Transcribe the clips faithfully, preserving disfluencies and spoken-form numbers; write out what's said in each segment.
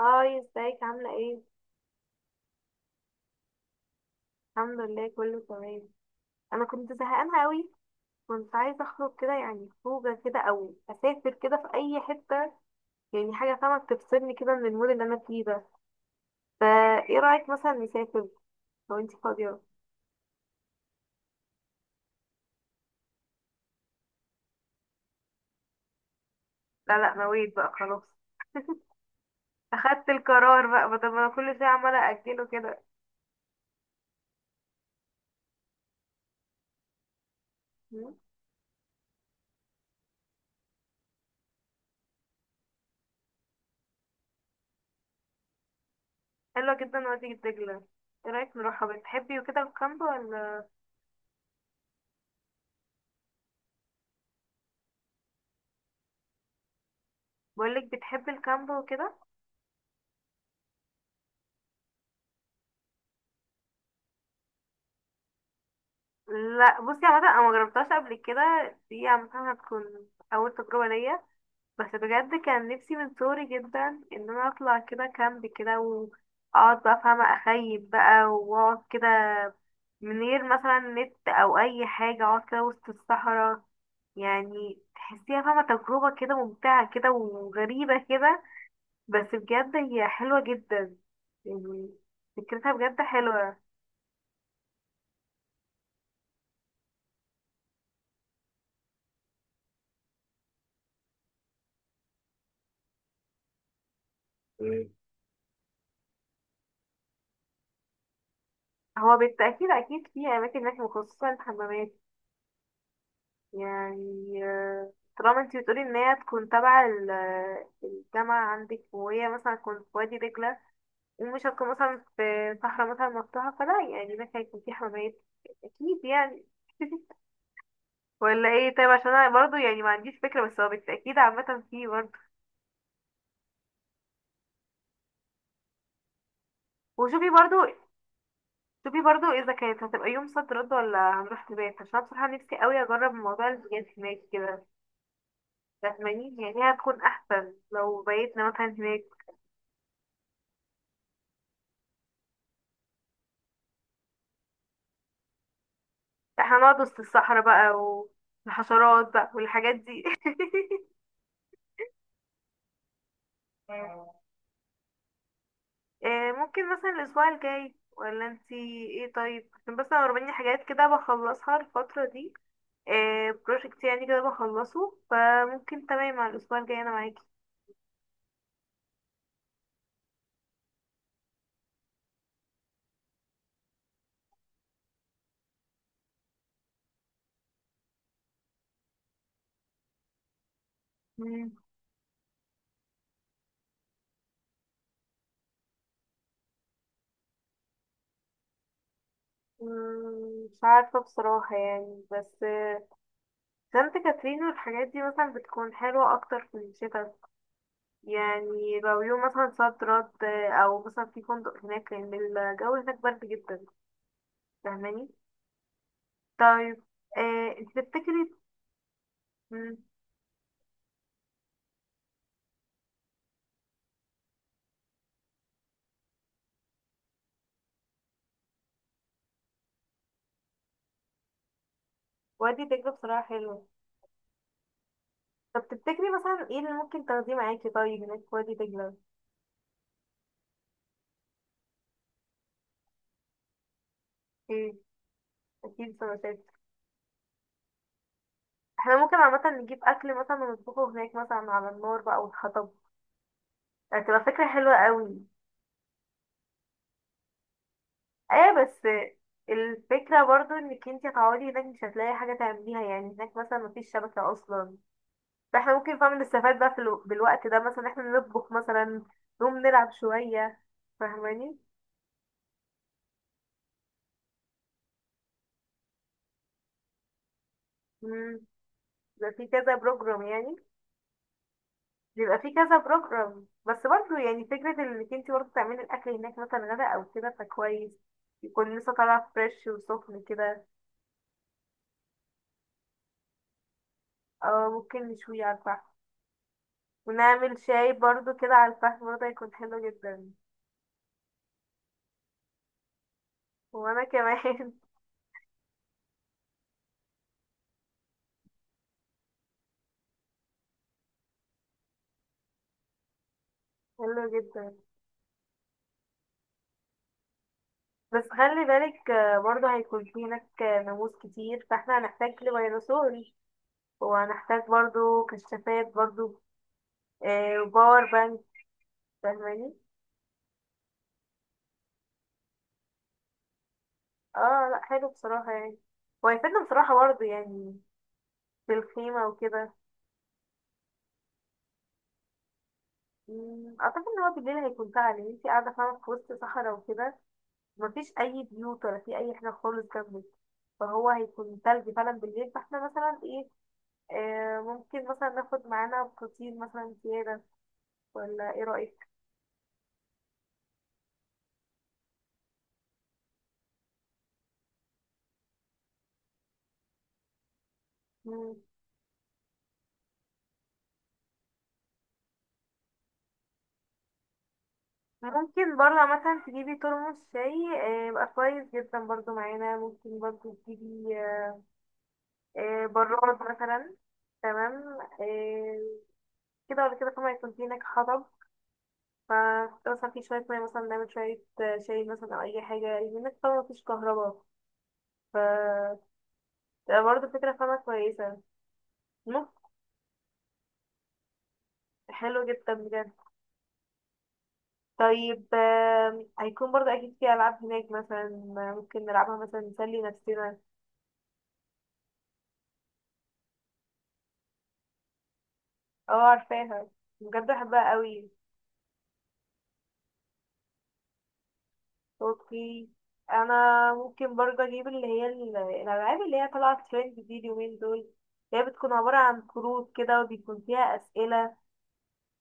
هاي ازيك عاملة ايه؟ الحمد لله كله تمام. انا كنت زهقانة قوي. كنت عايزة اخرج كده يعني خروجة كده او اسافر كده في اي حتة. يعني حاجة فاهمة تفصلني كده من المود اللي انا فيه ده. فا ايه رأيك مثلا نسافر لو انتي فاضية؟ لا لا نويت بقى خلاص. اخدت القرار بقى بدل ما انا كل شوية عمالة اجله كده. م? حلوة جدا وادي الدجلة. ايه رأيك نروحها بتحبي وكده الكامب ولا؟ بقولك بتحبي الكامب وكده. لا بصي عامة انا مجربتهاش قبل كده. دي عامة هتكون اول تجربة ليا. بس بجد كان نفسي من صغري جدا ان انا اطلع كده كامب كده واقعد بقى فاهمة اخيم بقى واقعد كده من غير مثلا نت او اي حاجة اقعد كده وسط الصحراء. يعني تحسيها فاهمة تجربة كده ممتعة كده وغريبة كده. بس بجد هي حلوة جدا. يعني فكرتها بجد حلوة. مم. هو بالتأكيد أكيد في أماكن هناك مخصصة للحمامات. يعني آه، طالما انتي بتقولي ان هي تكون تبع ال- الجامعة عندك وهي مثلا تكون في وادي دجلة. ومش هتكون مثلا في صحراء مثلا مفتوحة فلا يعني ده هيكون في حمامات اكيد يعني. ولا ايه طيب عشان انا برضو يعني ما عنديش فكرة بس هو بالتأكيد عامة في برضو. وشوفي برضو شوفي برضو اذا كانت هتبقى يوم صد رد ولا هنروح نبات عشان أنا بصراحة نفسي قوي اجرب موضوع البيات هناك كده. فاهماني يعني هي هتكون احسن لو بيتنا مثلا هناك. لا، هنقعد وسط الصحراء بقى والحشرات بقى والحاجات دي. آه، ممكن مثلا الأسبوع الجاي ولا انتي. ايه طيب عشان بس انا ورباني حاجات كده بخلصها الفترة دي. آه، بروجكت يعني كده بخلصه فممكن تمام على الأسبوع الجاي انا معاكي. مم. مم، مش عارفة بصراحة يعني بس آه، سانت كاترين والحاجات دي مثلا بتكون حلوة أكتر في الشتا. يعني لو يوم مثلا صد رد او مثلا في فندق هناك لان الجو هناك برد جدا. فاهماني. طيب آه انت تفتكري؟ مم، وادي دجلة بصراحة حلو. طب تفتكري مثلا ايه اللي ممكن تاخديه معاكي طيب هناك في وادي دجلة؟ ايه. اكيد سمكات. احنا ممكن عامة نجيب اكل مثلا ونطبخه هناك مثلا على النار بقى والحطب. هتبقى فكرة حلوة قوي. ايه بس الفكرة برضو انك انتي هتقعدي هناك مش هتلاقي حاجة تعمليها يعني هناك مثلا مفيش شبكة اصلا. فاحنا ممكن فاهم نستفاد بقى في الو... بالوقت ده مثلا احنا نطبخ مثلا. نقوم نلعب شوية. فاهماني. امم بيبقى في كذا بروجرام يعني. بيبقى في كذا بروجرام بس برضه يعني فكرة انك انتي برضه تعملي الأكل هناك مثلا غدا أو كده فكويس. يكون لسه طالع فريش وسخن كده. أو ممكن نشويه على الفحم. ونعمل شاي برضه كده على الفحم برضه هيكون حلو جدا. وأنا كمان. حلو جدا. بس خلي بالك آه، برضه هيكون في هناك آه، ناموس كتير فاحنا هنحتاج لفيروسور. وهنحتاج برضه كشافات برضه. آه، وباور بانك. فاهماني. اه لا حلو بصراحة يعني. وهيفيدنا بصراحة برضه يعني. في الخيمة وكده. مم، أعتقد إن هو بالليل هيكون سهل إن انتي قاعدة فاهمة في وسط صحراء وكده. مفيش أي بيوت ولا في أي حاجة خالص جنبك. فهو هيكون تلج فعلا بالليل فاحنا مثلا ايه. آه ممكن مثلا ناخد معانا فطير مثلا زيادة. ولا ايه رأيك؟ مم. ممكن برضه عامة تجيبي ترمس شاي آه، يبقى كويس جدا برضه معانا ممكن برضه تجيبي آه، آه، براد مثلا. تمام. آه، كده ولا كده طبعا يكون في هناك حطب. ف مثلا في شوية مية مثلا نعمل شوية آه، شاي مثلا أو أي حاجة لأن هناك طبعا مفيش كهرباء. ف تبقى برضه فكرة فاهمة كويسة. ممكن. حلو جدا بجد. طيب آم، هيكون برضه أكيد في ألعاب هناك مثلا. ممكن نلعبها مثلا نسلي نفسنا. اه عارفاها. بجد بحبها قوي. اوكي. انا ممكن برضه اجيب اللي هي ال- الالعاب اللي هي طالعه ترند دي اليومين دول اللي هي بتكون عباره عن كروت كده وبيكون فيها اسئله.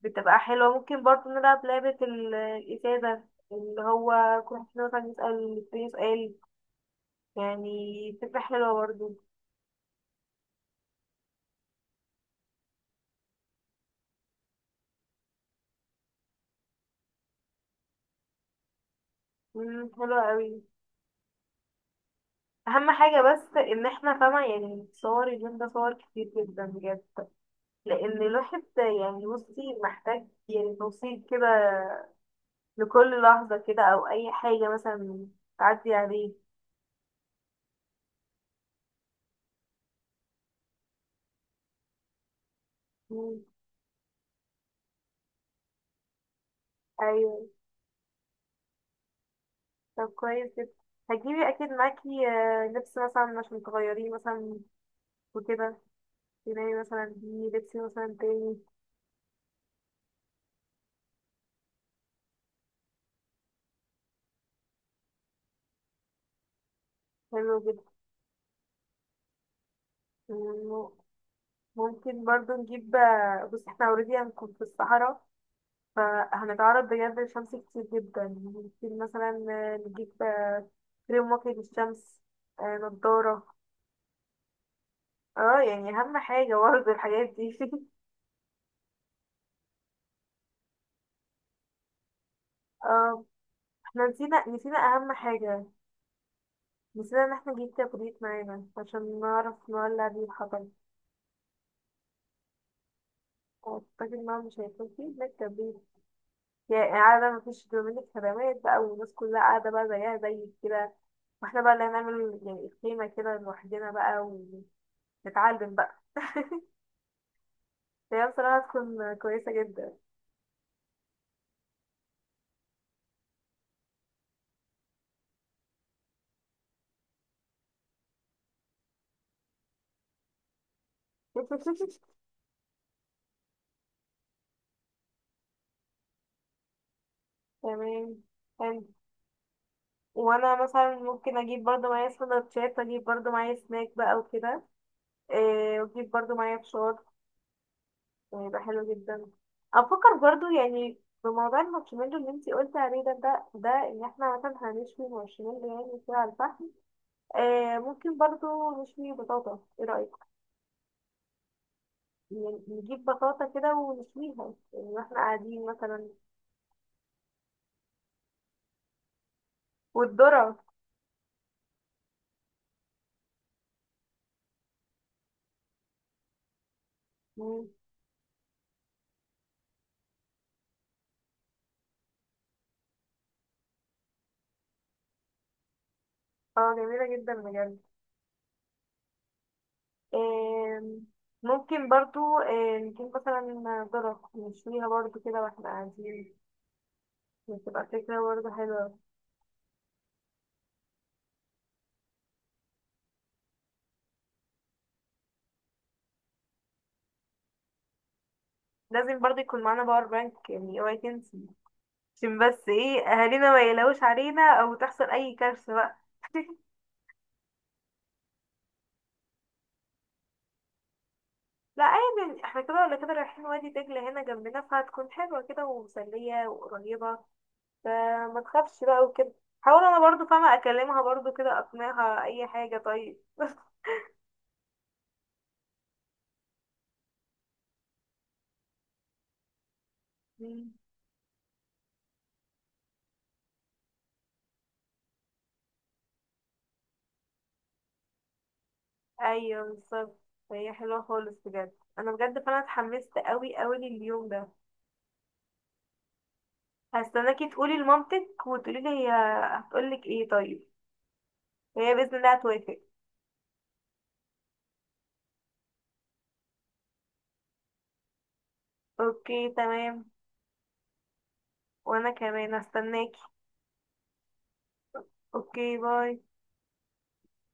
بتبقى حلوه ممكن برضه نلعب لعبه ال- الازازه. اللي هو كل واحد فينا مثلا يسال التاني سؤال. يعني فكره حلوه برضه. امم حلوه قوي. اهم حاجه بس ان احنا فاهمه يعني صور اليوم ده صور كتير جدا بجد. لان الواحد يعني بصي محتاج يعني توصيل كده. لكل لحظة كده او اي حاجة مثلا تعدي عليه. مم. ايوه. طب كويس جدا. هتجيبي اكيد معاكي آه، لبس مثلا عشان تغيريه مثلا. وكده تلاقي مثلا دي. لبس مثلا تاني. حلو جدا. مم. ممكن برضو نجيب آه، بصي احنا اوريدي هنكون في الصحراء. فهنتعرض بجد للشمس كتير جدا ممكن مثلا نجيب آه، كريم واقي للشمس. آه، نضارة. اه يعني أهم حاجة برضه الحاجات دي. اه احنا نسينا نسينا أهم حاجة. نسينا إن احنا نجيب كبريت معانا عشان نعرف نولع بيه الحطب. أعتقد إن هو مش هيكون فيه هناك كبريت. يعني قاعدة مفيش دومينيك خدمات بقى والناس كلها قاعدة بقى زيها زي كده. واحنا بقى اللي هنعمل يعني الخيمة كده لوحدنا بقى. ونتعلم بقى. هي بصراحة تكون كويسة جدا. تمام. حلو. وانا مثلا ممكن اجيب برضو معايا سندوتشات اجيب برضو معايا سناك بقى وكده. إيه واجيب برضو معايا فشار. يعني يبقى حلو جدا. افكر برضو يعني بموضوع المارشميلو اللي انتي قلتي عليه ده ده ده ان احنا مثلا هنشوي مارشميلو يعني كده على الفحم. إيه ممكن برضو نشوي بطاطا ايه رأيك؟ يعني نجيب بطاطا كده ونشويها. يعني واحنا قاعدين مثلا. والذرة. مم. اه جميلة جدا بجد. آم، ممكن برضو آه، نجيب مثلا ذرة نشويها برضو كده واحنا قاعدين. بتبقى فكرة برضو حلوة. لازم برضو يكون معانا باور بانك يعني اوعي تنسي. عشان بس ايه اهالينا ما يقلقوش علينا او تحصل اي كارثة بقى. لا عادي احنا كده ولا كده رايحين وادي دجلة هنا جنبنا فهتكون حلوة كده ومسلية وقريبة. فما تخافش بقى وكده. حاول انا برضو فاهمة اكلمها برضو كده اقنعها اي حاجة طيب. ايوه بالظبط. فهي حلوه خالص بجد. انا بجد فانا اتحمست قوي قوي لليوم ده. هستناكي تقولي لمامتك وتقولي لي هي هتقولك ايه طيب؟ هي باذن الله هتوافق. اوكي تمام. وانا كمان هستناكي. اوكي باي.